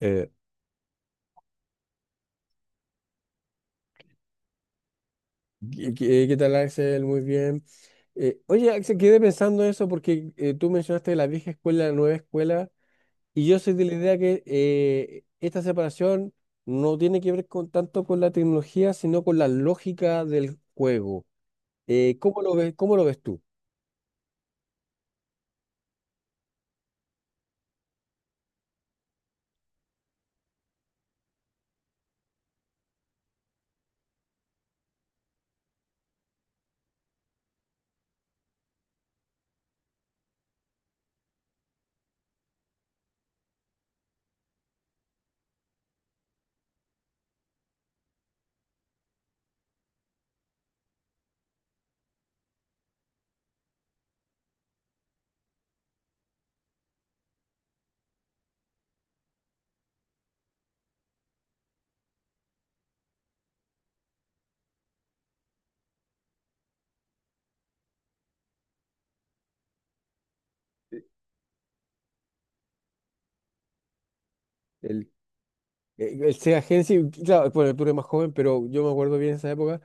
Eh, ¿Qué tal, Axel? Muy bien. Oye, Axel, quedé pensando eso porque tú mencionaste la vieja escuela, la nueva escuela, y yo soy de la idea que esta separación no tiene que ver con, tanto con la tecnología, sino con la lógica del juego. ¿Cómo lo ves, cómo lo ves tú? El, el Sega Genesis, claro, bueno, tú eres más joven, pero yo me acuerdo bien esa época.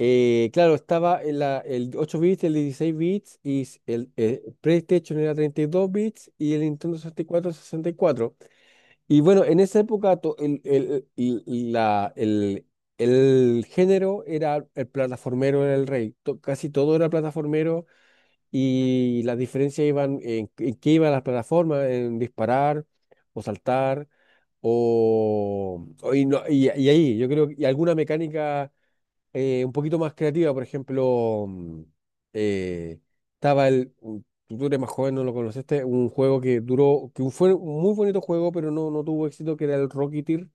Claro, estaba en el 8 bits, el 16 bits, y el PlayStation era 32 bits y el Nintendo 64 sesenta y cuatro. Y bueno, en esa época el género era el plataformero, era el rey. To- casi todo era plataformero y las diferencias iban en qué iban las plataformas, en disparar o saltar. O- y, no- y ahí, yo creo, y alguna mecánica un poquito más creativa. Por ejemplo, eh, estaba tú eres más joven, no lo conociste. Un juego que duró. Que fue un muy bonito juego, pero no, no tuvo éxito, que era el Rocketeer,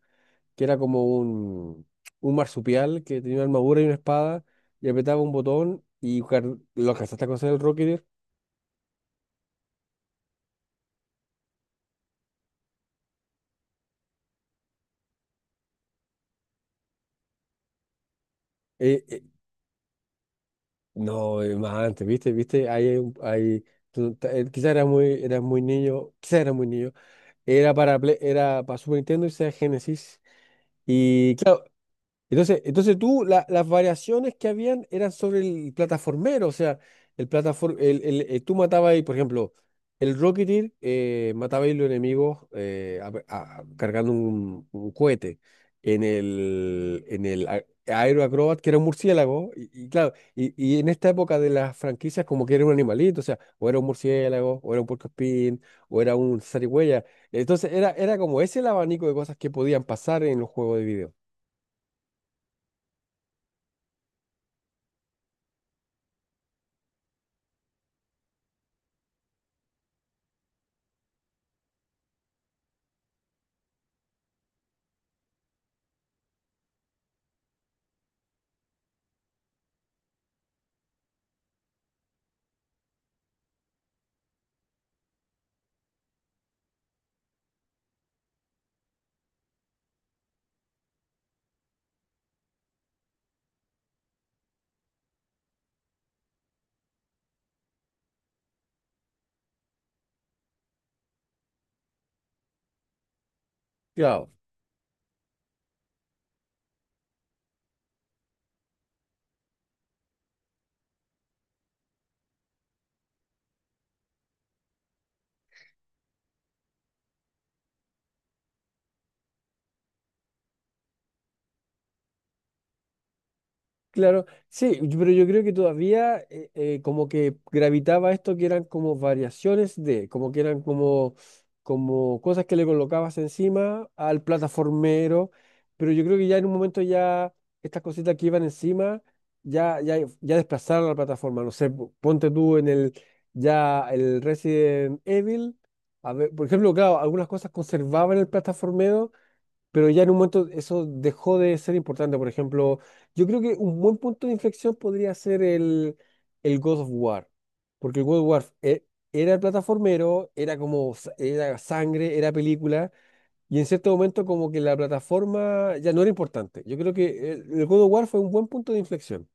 que era como un marsupial que tenía una armadura y una espada, y apretaba un botón y lo alcanzaste a conocer el Rocketeer. Eh, eh, no, más antes, ¿viste? ¿Viste? Ahí hay. Un- hay tú- ta- Quizá era muy niño, quizá era muy niño. Era para, era para Super Nintendo y sea Genesis. Y claro, entonces, entonces tú, las variaciones que habían eran sobre el plataformero, o sea, el plataform, el- tú matabas ahí, por ejemplo, el Rocketeer mataba ahí los enemigos cargando un cohete. En el Aero Acrobat, que era un murciélago, y claro, y en esta época de las franquicias, como que era un animalito, o sea, o era un murciélago, o era un puercoespín, o era un zarigüeya. Entonces, era, era como ese el abanico de cosas que podían pasar en los juegos de video. Claro. Claro, sí, yo- pero yo creo que todavía como que gravitaba esto que eran como variaciones de, como que eran como, como cosas que le colocabas encima al plataformero, pero yo creo que ya en un momento ya estas cositas que iban encima ya, ya, ya desplazaron la plataforma, no sé, po- ponte tú en el, ya el Resident Evil, a ver, por ejemplo, claro, algunas cosas conservaban el plataformero pero ya en un momento eso dejó de ser importante. Por ejemplo, yo creo que un buen punto de inflexión podría ser el God of War, porque el God of War era plataformero, era como, era sangre, era película, y en cierto momento como que la plataforma ya no era importante. Yo creo que el God of War fue un buen punto de inflexión.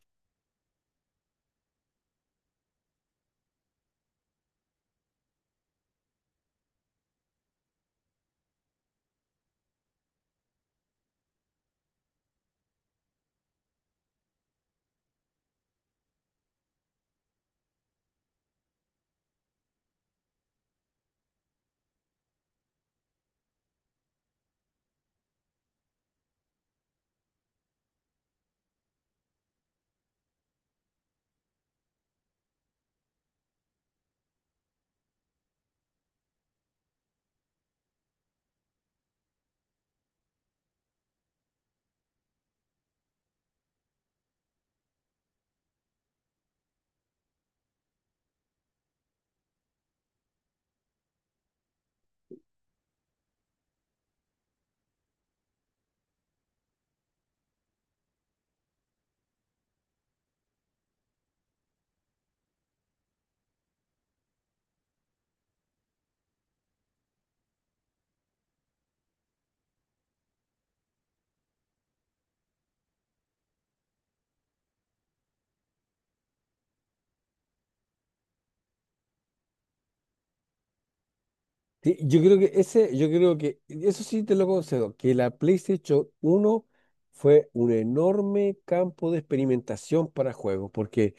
Sí, yo creo que ese, yo creo que, eso sí te lo concedo, que la PlayStation uno fue un enorme campo de experimentación para juegos, porque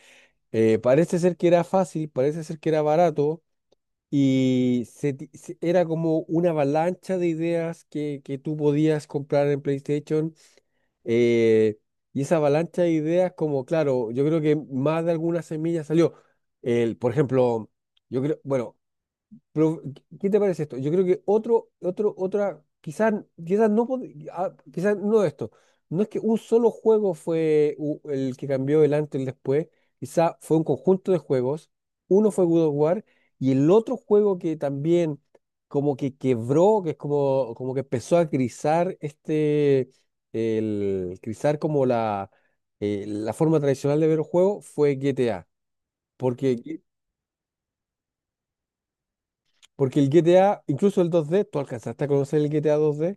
Parece ser que era fácil, parece ser que era barato y era como una avalancha de ideas que tú podías comprar en PlayStation. eh, y esa avalancha de ideas, como claro, yo creo que más de alguna semilla salió. El, por ejemplo, yo creo, bueno, pero, ¿qué te parece esto? Yo creo que otro, otro, otra, quizás, quizás no, quizás no esto. No es que un solo juego fue el que cambió el antes y el después. Quizás fue un conjunto de juegos. Uno fue God of War y el otro juego que también como que quebró, que es como, como que empezó a grisar este, el grisar como la, la forma tradicional de ver un juego fue GTA. Porque Porque el GTA, incluso el 2D, tú alcanzaste a conocer el GTA 2D.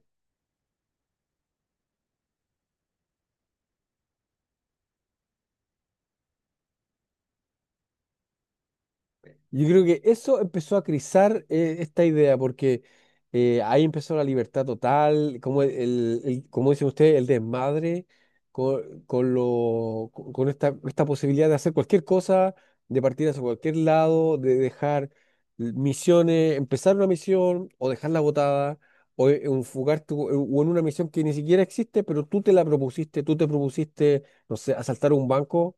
Yo creo que eso empezó a crizar esta idea, porque ahí empezó la libertad total, como, como dice usted, el desmadre con lo, con esta, esta posibilidad de hacer cualquier cosa, de partir hacia cualquier lado, de dejar misiones, empezar una misión o dejarla botada. O enfocarte o en una misión que ni siquiera existe, pero tú te la propusiste, tú te propusiste no sé, asaltar un banco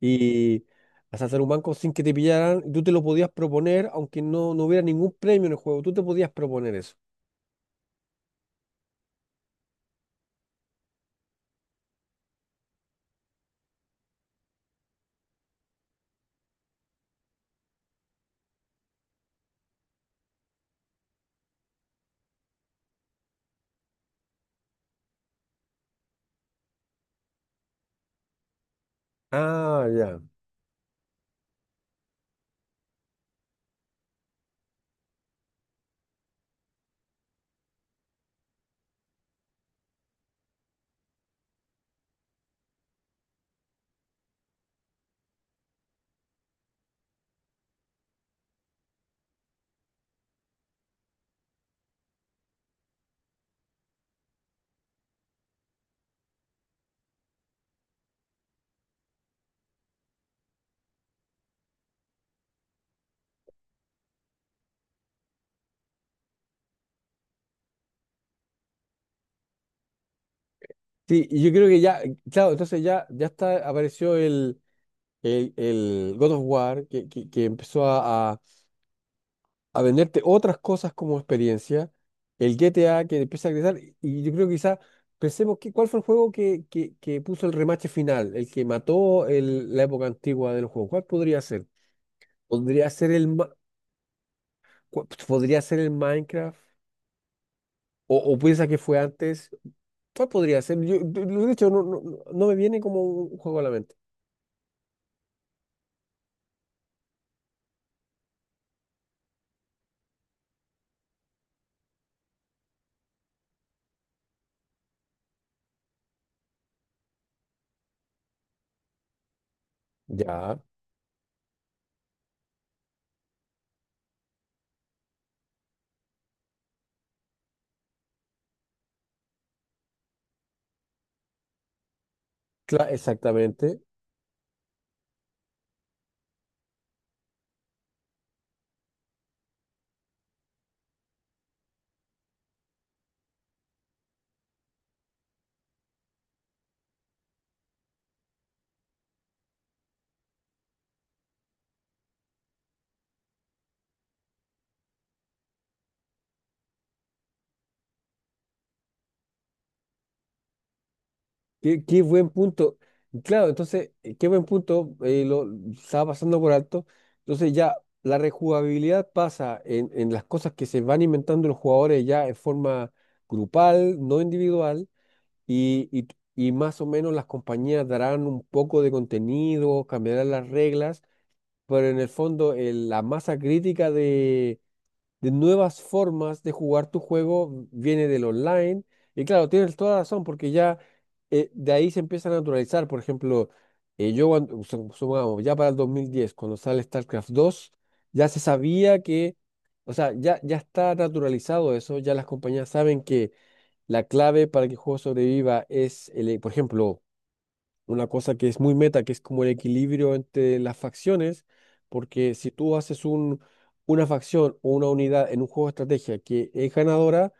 y hasta hacer un banco sin que te pillaran, y tú te lo podías proponer, aunque no, no hubiera ningún premio en el juego, tú te podías proponer eso. Ah, ya. Sí, y yo creo que ya, claro, entonces ya, ya está, apareció el God of War, que empezó a venderte otras cosas como experiencia, el GTA que empieza a crecer, y yo creo que quizás pensemos que, cuál fue el juego que puso el remache final, el que mató la época antigua del juego, ¿cuál podría ser? Podría ser el, ¿podría ser el Minecraft? O piensa que fue antes? ¿Cuál podría ser? Yo, de- lo he dicho, no, no, no no me viene como un juego a la mente. Ya, claro, exactamente. Qué, qué buen punto. Claro, entonces, qué buen punto. Lo estaba pasando por alto. Entonces ya la rejugabilidad pasa en las cosas que se van inventando los jugadores ya en forma grupal, no individual, y, y y más o menos las compañías darán un poco de contenido, cambiarán las reglas pero en el fondo la masa crítica de nuevas formas de jugar tu juego viene del online. Y claro, tienes toda razón, porque ya de ahí se empieza a naturalizar. Por ejemplo, yo cuando, su- supongamos, ya para el 2010 cuando sale StarCraft 2 ya se sabía que, o sea, ya, ya está naturalizado eso, ya las compañías saben que la clave para que el juego sobreviva es, el, por ejemplo, una cosa que es muy meta, que es como el equilibrio entre las facciones, porque si tú haces un, una facción o una unidad en un juego de estrategia que es ganadora,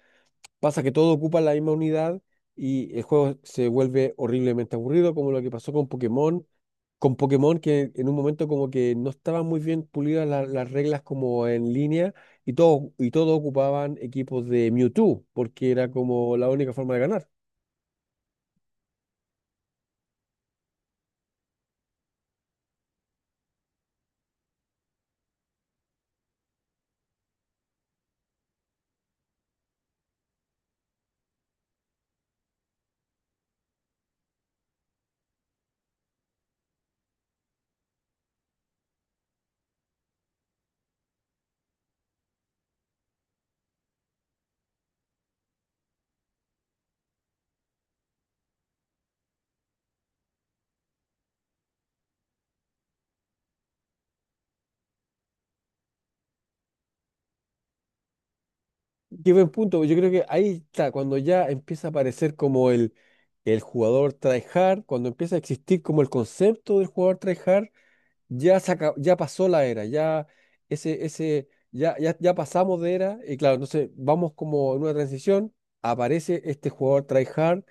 pasa que todo ocupa la misma unidad y el juego se vuelve horriblemente aburrido, como lo que pasó con Pokémon. Con Pokémon que en un momento como que no estaban muy bien pulidas las reglas como en línea y todo ocupaban equipos de Mewtwo porque era como la única forma de ganar. Qué buen punto. Yo creo que ahí está, cuando ya empieza a aparecer como el jugador tryhard, cuando empieza a existir como el concepto del jugador tryhard, ya pasó la era, ya ese, ya, ya, ya pasamos de era, y claro, entonces vamos como en una transición, aparece este jugador tryhard,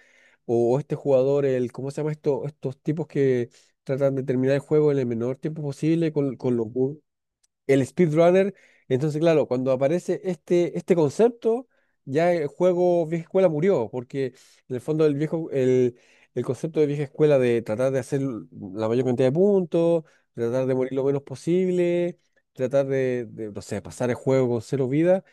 o este jugador, el, ¿cómo se llama esto? Estos tipos que tratan de terminar el juego en el menor tiempo posible con los, el speedrunner. Entonces, claro, cuando aparece este, este concepto, ya el juego vieja escuela murió, porque en el fondo el viejo, el concepto de vieja escuela de tratar de hacer la mayor cantidad de puntos, tratar de morir lo menos posible, tratar de, no sé, pasar el juego con cero vidas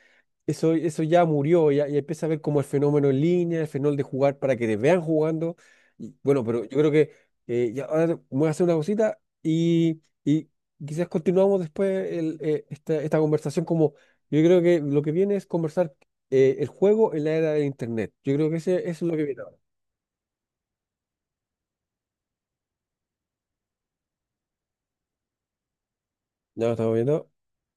eso, eso ya murió, ya, ya empieza a ver como el fenómeno en línea, el fenómeno de jugar para que te vean jugando. Y, bueno, pero yo creo que ya ahora voy a hacer una cosita y quizás continuamos después el, esta, esta conversación como yo creo que lo que viene es conversar el juego en la era de Internet. Yo creo que ese, eso es lo que viene ahora. Ya lo estamos viendo.